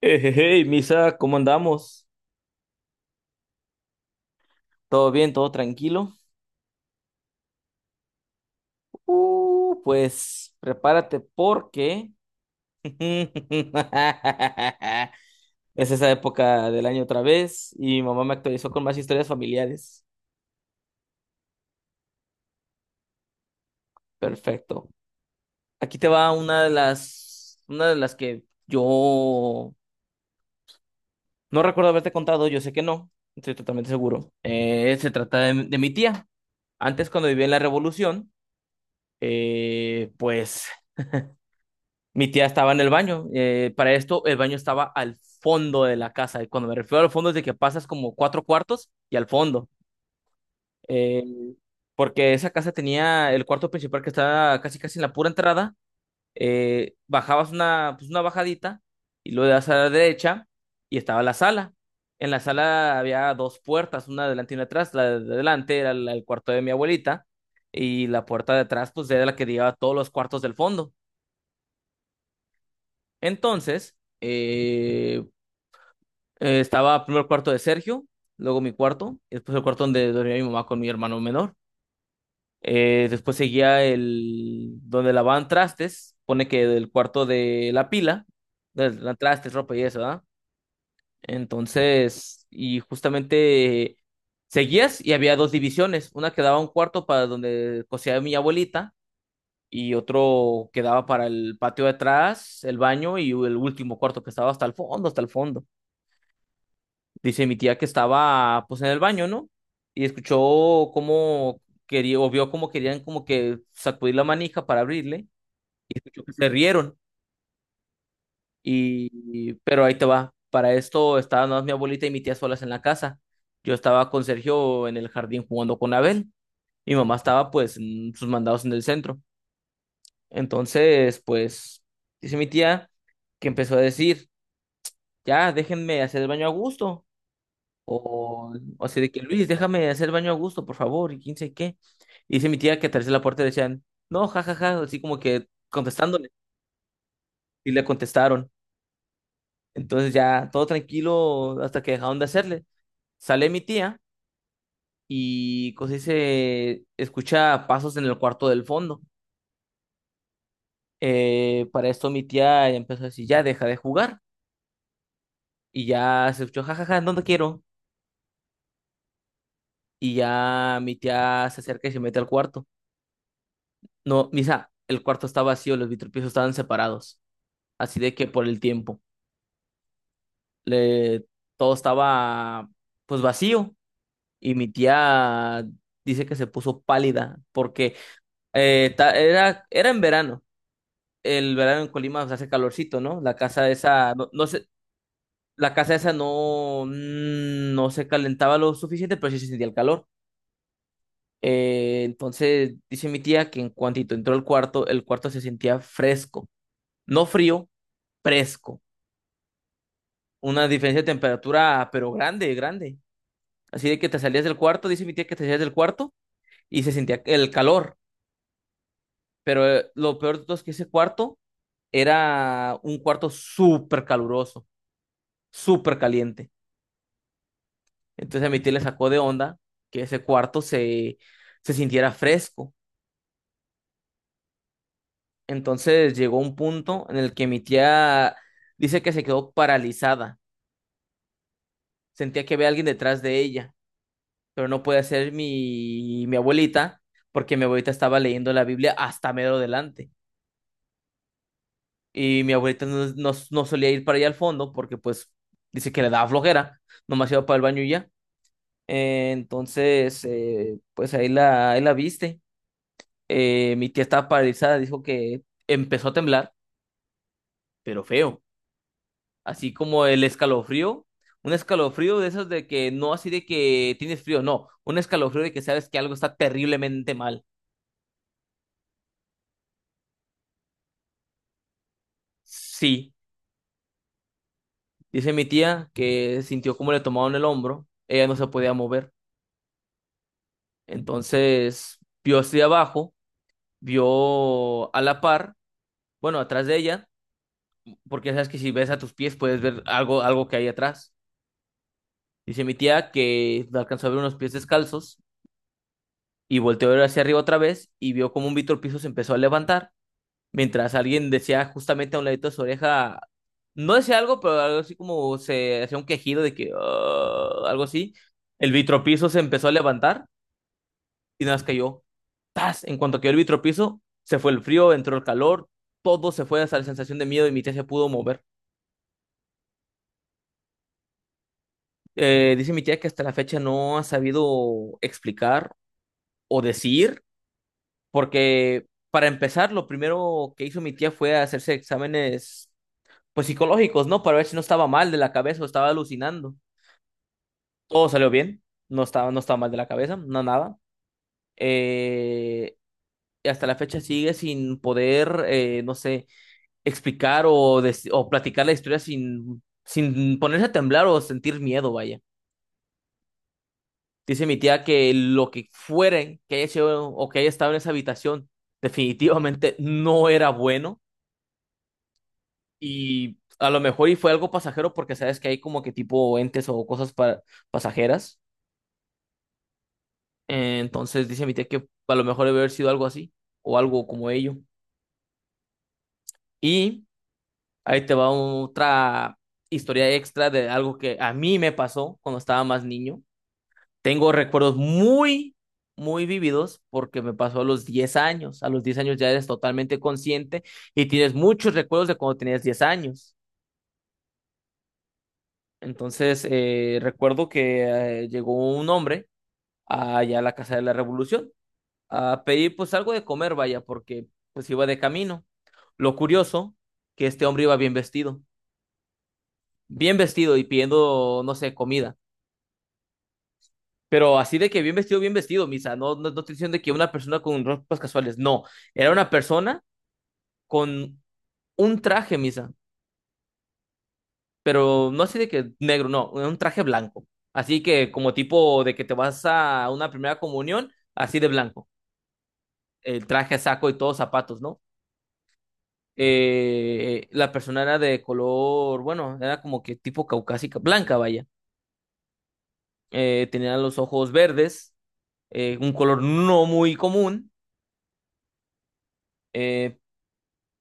Hey, hey, Misa, ¿cómo andamos? ¿Todo bien? ¿Todo tranquilo? Pues prepárate porque es esa época del año otra vez y mi mamá me actualizó con más historias familiares. Perfecto. Aquí te va una de las que yo no recuerdo haberte contado, yo sé que no, estoy totalmente seguro. Se trata de mi tía. Antes, cuando vivía en la Revolución, pues mi tía estaba en el baño. Para esto, el baño estaba al fondo de la casa. Y cuando me refiero al fondo es de que pasas como cuatro cuartos y al fondo. Eh, Porque esa casa tenía el cuarto principal que estaba casi casi en la pura entrada. Bajabas pues una bajadita y luego das a la derecha y estaba la sala. En la sala había dos puertas, una adelante y una atrás. La de adelante era el cuarto de mi abuelita y la puerta de atrás pues era la que llevaba a todos los cuartos del fondo. Entonces, eh, estaba primero cuarto de Sergio, luego mi cuarto, y después el cuarto donde dormía mi mamá con mi hermano menor. Después seguía el donde lavaban trastes, pone que del cuarto de la pila, de la trastes, ropa y eso, ¿verdad? Entonces, y justamente seguías y había dos divisiones, una que daba un cuarto para donde cosía mi abuelita y otro que daba para el patio de atrás, el baño y el último cuarto que estaba hasta el fondo, hasta el fondo. Dice mi tía que estaba pues en el baño, ¿no? Y escuchó cómo quería, o vio cómo querían como que sacudir la manija para abrirle, y escuchó que se rieron. Y, pero ahí te va. Para esto estaban nada más mi abuelita y mi tía solas en la casa. Yo estaba con Sergio en el jardín jugando con Abel. Mi mamá estaba pues en sus mandados en el centro. Entonces, pues, dice mi tía que empezó a decir, ya, déjenme hacer el baño a gusto. O sea, de que Luis, déjame hacer baño a gusto, por favor, y quién sabe qué. Y dice mi tía que atrás de la puerta decían, no, jajaja, ja, ja", así como que contestándole. Y le contestaron. Entonces ya todo tranquilo hasta que dejaron de hacerle. Sale mi tía y cosa dice, escucha pasos en el cuarto del fondo. Para esto mi tía ya empezó a decir, ya deja de jugar. Y ya se escuchó, jajaja, ja, ja, ja, no te quiero. Y ya mi tía se acerca y se mete al cuarto. No, Misa, el cuarto está vacío, los vitropisos estaban separados. Así de que por el tiempo. Le... Todo estaba pues vacío. Y mi tía dice que se puso pálida porque era en verano. El verano en Colima pues, hace calorcito, ¿no? La casa esa, no, la casa esa no, no se calentaba lo suficiente, pero sí se sentía el calor. Entonces dice mi tía que en cuantito entró al cuarto, el cuarto se sentía fresco, no frío, fresco. Una diferencia de temperatura, pero grande, grande. Así de que te salías del cuarto, dice mi tía que te salías del cuarto y se sentía el calor. Pero lo peor de todo es que ese cuarto era un cuarto súper caluroso, súper caliente. Entonces a mi tía le sacó de onda que ese cuarto se sintiera fresco. Entonces llegó un punto en el que mi tía dice que se quedó paralizada. Sentía que había alguien detrás de ella, pero no puede ser mi abuelita, porque mi abuelita estaba leyendo la Biblia hasta medio delante. Y mi abuelita no, no, no solía ir para allá al fondo, porque pues dice que le daba flojera, nomás iba para el baño y ya. Entonces, pues ahí la viste. Mi tía estaba paralizada, dijo que empezó a temblar, pero feo. Así como el escalofrío, un escalofrío de esos de que no así de que tienes frío, no, un escalofrío de que sabes que algo está terriblemente mal. Sí. Dice mi tía que sintió como le tomaron el hombro, ella no se podía mover. Entonces vio hacia abajo, vio a la par, bueno, atrás de ella, porque ya sabes que si ves a tus pies puedes ver algo, algo que hay atrás. Dice mi tía que alcanzó a ver unos pies descalzos y volteó a ver hacia arriba otra vez y vio como un Víctor Piso se empezó a levantar, mientras alguien decía justamente a un ladito de su oreja, no decía algo, pero algo así como se hacía un quejido de que "Ah", algo así. El vitropiso se empezó a levantar y nada más cayó. ¡Tas! En cuanto cayó el vitropiso, se fue el frío, entró el calor, todo se fue hasta la sensación de miedo y mi tía se pudo mover. Dice mi tía que hasta la fecha no ha sabido explicar o decir, porque para empezar, lo primero que hizo mi tía fue hacerse exámenes pues psicológicos, ¿no? Para ver si no estaba mal de la cabeza o estaba alucinando. Todo salió bien, no estaba mal de la cabeza, no nada. Eh, y hasta la fecha sigue sin poder, no sé explicar o platicar la historia sin ponerse a temblar o sentir miedo, vaya. Dice mi tía que lo que fueren que haya sido o que haya estado en esa habitación definitivamente no era bueno y a lo mejor y fue algo pasajero porque sabes que hay como que tipo entes o cosas pasajeras. Entonces dice mi tía que a lo mejor debe haber sido algo así o algo como ello. Y ahí te va otra historia extra de algo que a mí me pasó cuando estaba más niño. Tengo recuerdos muy, muy vividos porque me pasó a los 10 años. A los 10 años ya eres totalmente consciente y tienes muchos recuerdos de cuando tenías 10 años. Entonces, recuerdo que llegó un hombre allá a la Casa de la Revolución a pedir pues algo de comer, vaya, porque pues iba de camino. Lo curioso, que este hombre iba bien vestido y pidiendo, no sé, comida. Pero así de que bien vestido, Misa. No, no, no estoy diciendo de que una persona con ropas casuales. No, era una persona con un traje, Misa. Pero no así de que negro, no, un traje blanco. Así que como tipo de que te vas a una primera comunión, así de blanco. El traje, saco y todos zapatos, ¿no? La persona era de color, bueno, era como que tipo caucásica, blanca, vaya. Tenía los ojos verdes, un color no muy común. eh,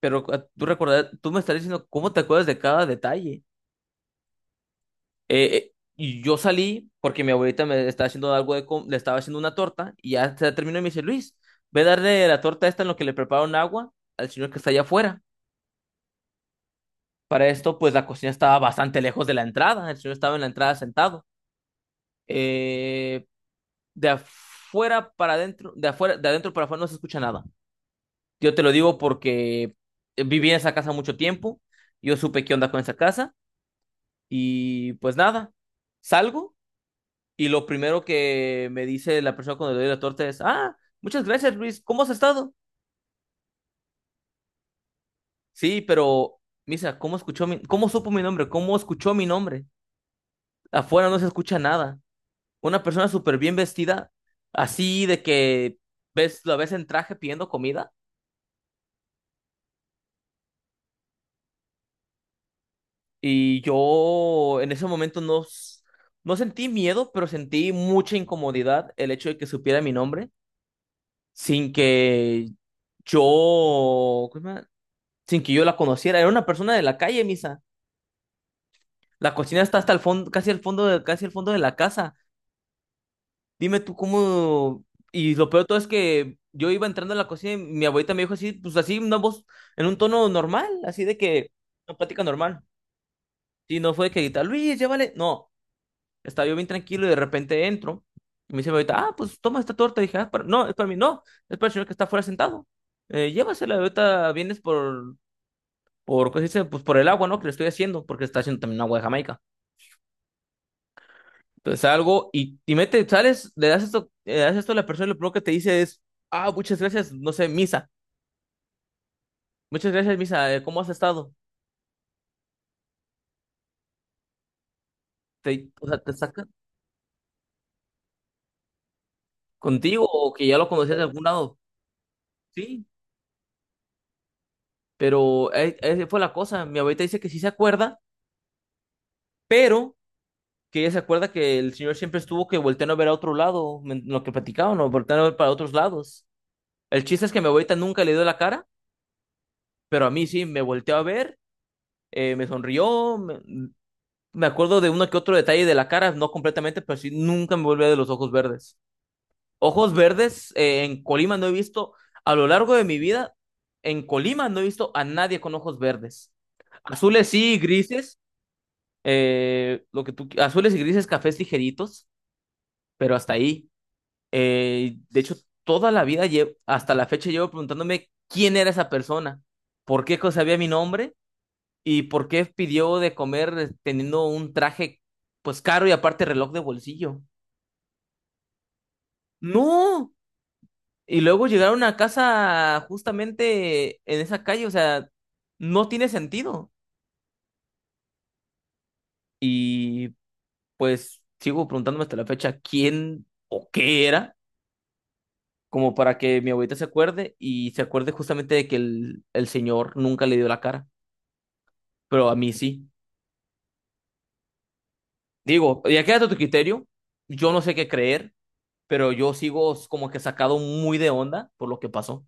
Pero ah, tú recordar, tú me estás diciendo cómo te acuerdas de cada detalle. Y yo salí porque mi abuelita me estaba haciendo algo de le estaba haciendo una torta y ya se terminó y me dice, Luis, ve a darle la torta esta en lo que le prepararon agua al señor que está allá afuera. Para esto, pues la cocina estaba bastante lejos de la entrada. El señor estaba en la entrada sentado. Eh, de afuera para adentro, de adentro para afuera no se escucha nada. Yo te lo digo porque viví en esa casa mucho tiempo. Yo supe qué onda con esa casa. Y pues nada, salgo y lo primero que me dice la persona cuando le doy la torta es, ah, muchas gracias Luis, ¿cómo has estado? Sí, pero Misa, ¿cómo escuchó mi, cómo supo mi nombre? ¿Cómo escuchó mi nombre? Afuera no se escucha nada. Una persona súper bien vestida, así de que ves, la ves en traje pidiendo comida y yo en ese momento no sentí miedo, pero sentí mucha incomodidad el hecho de que supiera mi nombre sin que yo, ¿cómo se llama? Sin que yo la conociera. Era una persona de la calle, misa. La cocina está hasta el fondo, casi al fondo de la casa. Dime tú cómo. Y lo peor de todo es que yo iba entrando a la cocina y mi abuelita me dijo así, pues así, una voz, en un tono normal, así de que, una plática normal. Y no fue de que grita, Luis, llévale. No, estaba yo bien tranquilo y de repente entro. Y me dice mi abuelita, ah, pues toma esta torta. Y dije, ah, no, es para mí, no, es para el señor que está afuera sentado. Llévasela, ahorita vienes por, ¿cómo se dice? Pues por el agua, ¿no? Que le estoy haciendo, porque está haciendo también agua de Jamaica. Entonces algo y mete, sales, le das esto a la persona y lo primero que te dice es, ah, muchas gracias, no sé, Misa. Muchas gracias, Misa, ¿cómo has estado? Te, o sea, te saca contigo o que ya lo conocías de algún lado. Sí, pero esa fue la cosa. Mi abuelita dice que sí se acuerda, pero que ella se acuerda que el señor siempre estuvo que volteando a ver a otro lado, en lo que platicaban, o volteando a ver para otros lados. El chiste es que mi abuelita nunca le dio la cara, pero a mí sí me volteó a ver me sonrió, me acuerdo de uno que otro detalle de la cara, no completamente, pero sí, nunca me volví de los ojos verdes. Ojos verdes en Colima no he visto, a lo largo de mi vida, en Colima no he visto a nadie con ojos verdes. Azules sí, grises, lo que tú, azules y grises, cafés ligeritos, pero hasta ahí. De hecho, toda la vida, hasta la fecha, llevo preguntándome quién era esa persona, por qué sabía mi nombre. ¿Y por qué pidió de comer teniendo un traje pues caro y aparte reloj de bolsillo? No. Y luego llegaron a casa justamente en esa calle, o sea, no tiene sentido. Y pues sigo preguntándome hasta la fecha quién o qué era, como para que mi abuelita se acuerde y se acuerde justamente de que el señor nunca le dio la cara, pero a mí sí. Digo, ya queda a tu criterio, yo no sé qué creer, pero yo sigo como que sacado muy de onda por lo que pasó.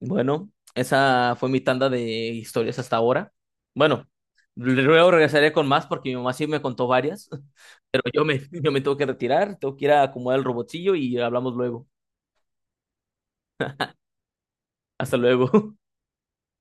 Bueno, esa fue mi tanda de historias hasta ahora. Bueno, luego regresaré con más porque mi mamá sí me contó varias, pero yo me, yo me tengo que retirar, tengo que ir a acomodar el robotillo y hablamos luego. Hasta luego.